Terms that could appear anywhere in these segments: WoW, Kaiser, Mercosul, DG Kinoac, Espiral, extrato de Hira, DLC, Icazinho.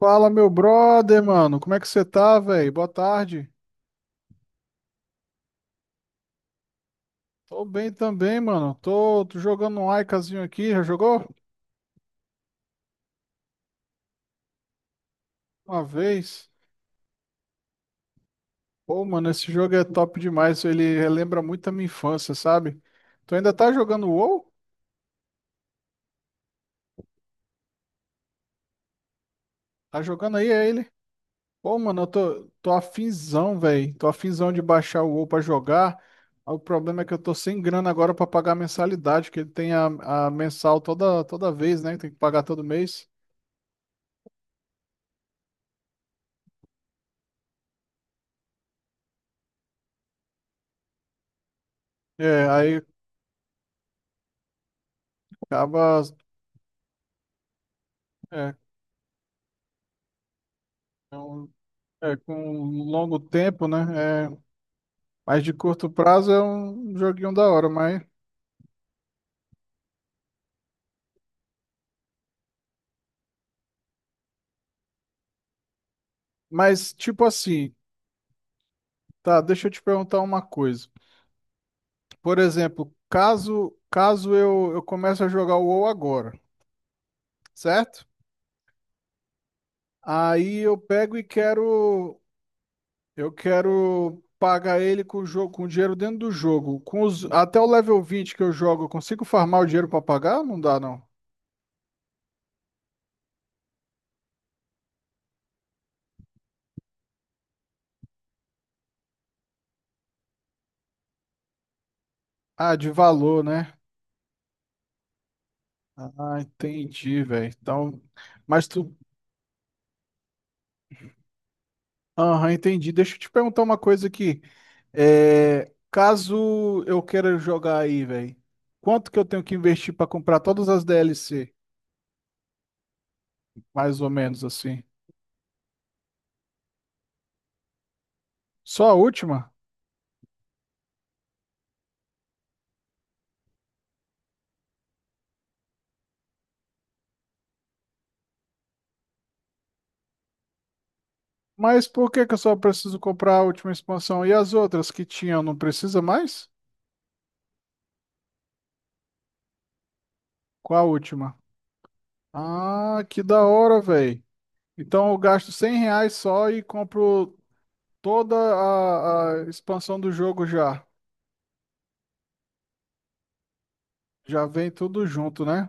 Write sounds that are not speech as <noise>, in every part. Fala, meu brother, mano. Como é que você tá, velho? Boa tarde. Tô bem também, mano. Tô jogando um Icazinho aqui. Já jogou? Uma vez. Pô, mano, esse jogo é top demais. Ele relembra muito a minha infância, sabe? Tu ainda tá jogando WoW? Tá jogando aí, é ele? Pô, mano, eu tô afinzão, velho. Tô afinzão de baixar o WoW pra jogar. O problema é que eu tô sem grana agora pra pagar a mensalidade, que ele tem a mensal toda vez, né? Tem que pagar todo mês. É, aí acaba. É, então. É, com um longo tempo, né? É, mas de curto prazo é um joguinho da hora, mas tipo assim, tá, deixa eu te perguntar uma coisa. Por exemplo, caso eu comece a jogar o WoW agora, certo? Aí eu pego e quero eu quero pagar ele com o jogo, com o dinheiro dentro do jogo. Até o level 20 que eu jogo, eu consigo farmar o dinheiro pra pagar? Não dá, não. Ah, de valor, né? Ah, entendi, velho. Então, mas tu aham, entendi. Deixa eu te perguntar uma coisa aqui. É, caso eu queira jogar aí, velho, quanto que eu tenho que investir pra comprar todas as DLC? Mais ou menos assim. Só a última? Mas por que que eu só preciso comprar a última expansão? E as outras que tinham, não precisa mais? Qual a última? Ah, que da hora, velho. Então eu gasto R$ 100 só e compro toda a expansão do jogo já. Já vem tudo junto, né?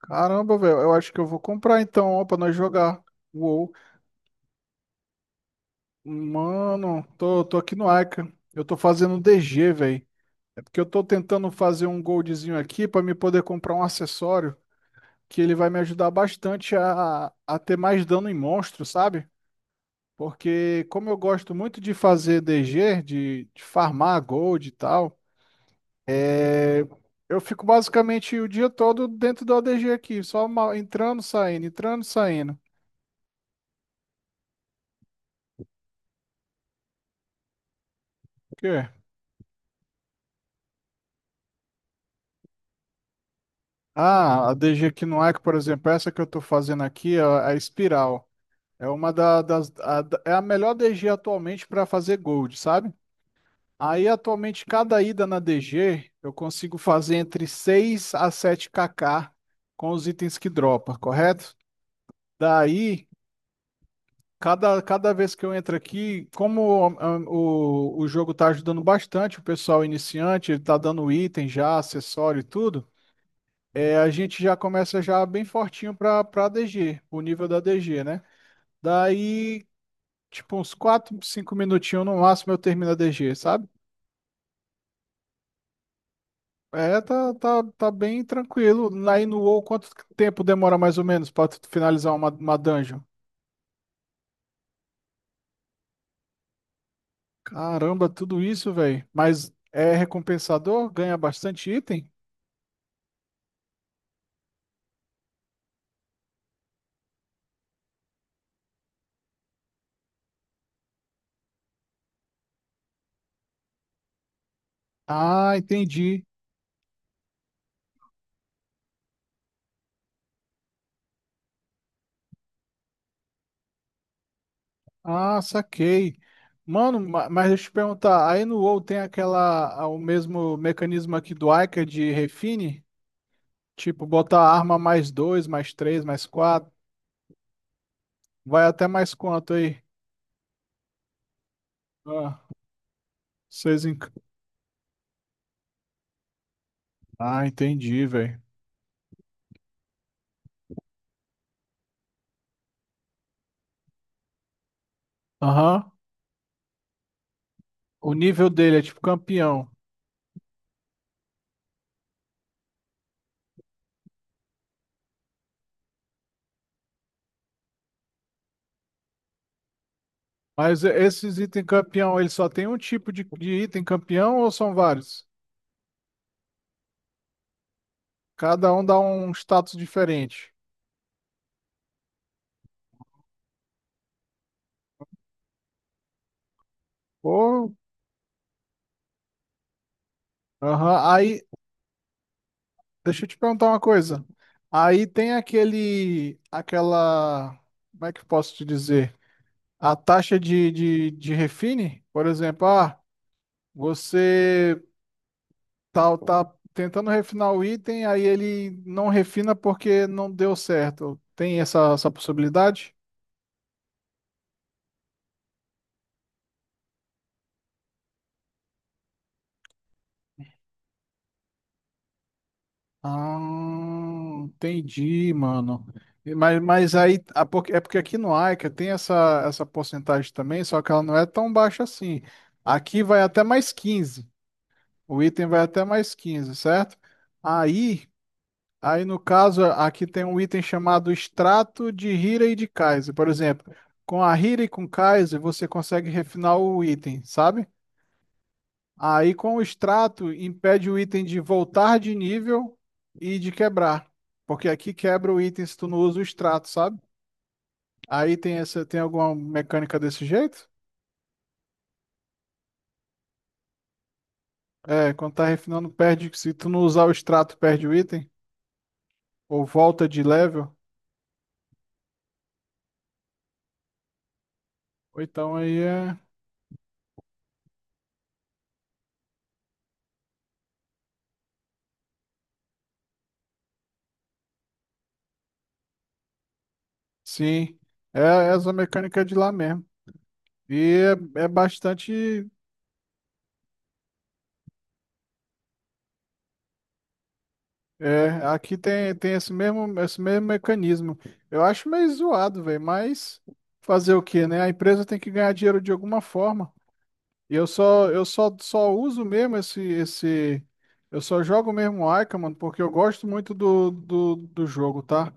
Caramba, velho, eu acho que eu vou comprar então, ó, pra nós jogar. Uou. Mano, tô aqui no Ica. Eu tô fazendo DG, velho. É porque eu tô tentando fazer um goldzinho aqui pra me poder comprar um acessório que ele vai me ajudar bastante a ter mais dano em monstro, sabe? Porque como eu gosto muito de fazer DG, de farmar gold e tal, é, eu fico basicamente o dia todo dentro do ADG aqui, só entrando, saindo, entrando, saindo. O quê? Ah, a DG Kinoac, por exemplo, essa que eu estou fazendo aqui, a Espiral, é uma da- das, a- da- é a melhor DG atualmente para fazer gold, sabe? Aí atualmente cada ida na DG eu consigo fazer entre 6 a 7 kk com os itens que dropa, correto? Daí, cada vez que eu entro aqui, como ah, o jogo está ajudando bastante o pessoal iniciante, ele tá dando item já, acessório e tudo. É, a gente já começa já bem fortinho para DG, o nível da DG, né? Daí, tipo, uns 4 5 minutinhos no máximo eu termino a DG, sabe? É, tá bem tranquilo. Aí no WoW, quanto tempo demora mais ou menos para finalizar uma dungeon? Caramba, tudo isso, velho. Mas é recompensador? Ganha bastante item? Ah, entendi. Ah, saquei. Mano, mas deixa eu te perguntar, aí no WoW tem aquela, o mesmo mecanismo aqui do Ica de refine? Tipo, botar arma mais dois, mais três, mais quatro, vai até mais quanto aí? Ah, seis em... ca- Ah, entendi, velho. Aham, o nível dele é tipo campeão. Mas esses itens campeão, ele só tem um tipo de item campeão ou são vários? Cada um dá um status diferente. Pô, aham. Deixa eu te perguntar uma coisa. Aí tem aquele, aquela, como é que eu posso te dizer? A taxa de refine, por exemplo, você tá tentando refinar o item, aí ele não refina porque não deu certo. Tem essa possibilidade? Ah, entendi, mano. Mas aí, é porque aqui no Aika tem essa porcentagem também, só que ela não é tão baixa assim. Aqui vai até +15. O item vai até +15, certo? Aí, aí no caso, aqui tem um item chamado extrato de Hira e de Kaiser. Por exemplo, com a Hira e com Kaiser, você consegue refinar o item, sabe? Aí com o extrato impede o item de voltar de nível e de quebrar. Porque aqui quebra o item se tu não usa o extrato, sabe? Aí tem alguma mecânica desse jeito? É, quando tá refinando, perde. Se tu não usar o extrato, perde o item. Ou volta de level. Ou então aí é. Sim, é essa mecânica de lá mesmo. E é bastante. É, aqui tem esse mesmo mecanismo. Eu acho meio zoado, velho, mas fazer o quê, né? A empresa tem que ganhar dinheiro de alguma forma. E eu só uso mesmo esse. Eu só jogo mesmo o Ica, mano, porque eu gosto muito do jogo, tá?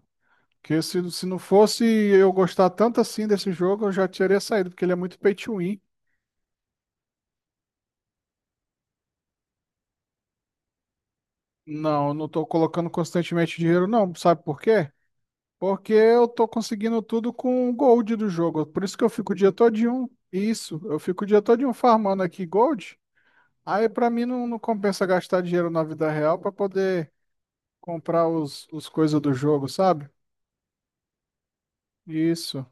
Porque se não fosse eu gostar tanto assim desse jogo, eu já teria saído, porque ele é muito pay to win. Não, eu não tô colocando constantemente dinheiro, não. Sabe por quê? Porque eu tô conseguindo tudo com o gold do jogo. Por isso que eu fico o dia todinho. Isso, eu fico o dia todinho farmando aqui gold. Aí pra mim não compensa gastar dinheiro na vida real pra poder comprar os coisas do jogo, sabe? Isso.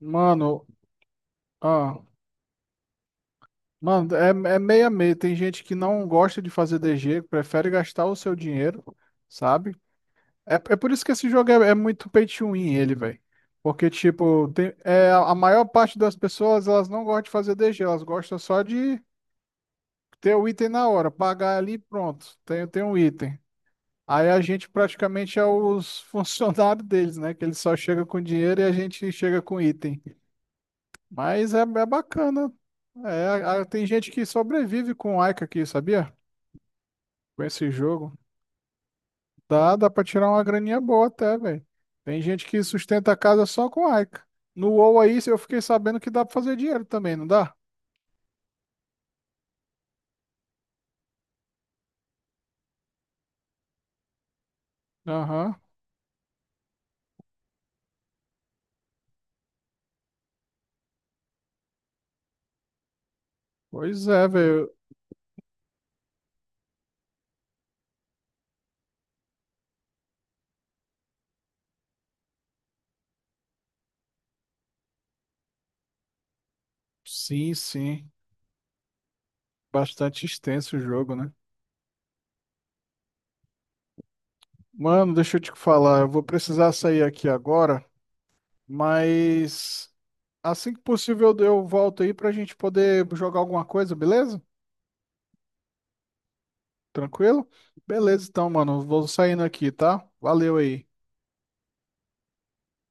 Mano, ah, mano, é meio a meio. Tem gente que não gosta de fazer DG, prefere gastar o seu dinheiro, sabe? É por isso que esse jogo é muito pay to win, ele, velho. Porque, tipo, a maior parte das pessoas, elas não gostam de fazer DG, elas gostam só de ter o item na hora, pagar ali, e pronto, tem um item. Aí a gente praticamente é os <laughs> funcionários deles, né? Que eles só chegam com dinheiro e a gente chega com item. Mas é bacana. É, tem gente que sobrevive com Ica aqui, sabia? Com esse jogo. Dá pra tirar uma graninha boa até, velho. Tem gente que sustenta a casa só com aica. No WoW aí, eu fiquei sabendo que dá pra fazer dinheiro também, não dá? Aham. Pois é, velho. Sim, sim. Bastante extenso o jogo, né? Mano, deixa eu te falar. Eu vou precisar sair aqui agora, mas assim que possível eu volto aí pra gente poder jogar alguma coisa, beleza? Tranquilo? Beleza, então, mano. Vou saindo aqui, tá? Valeu aí.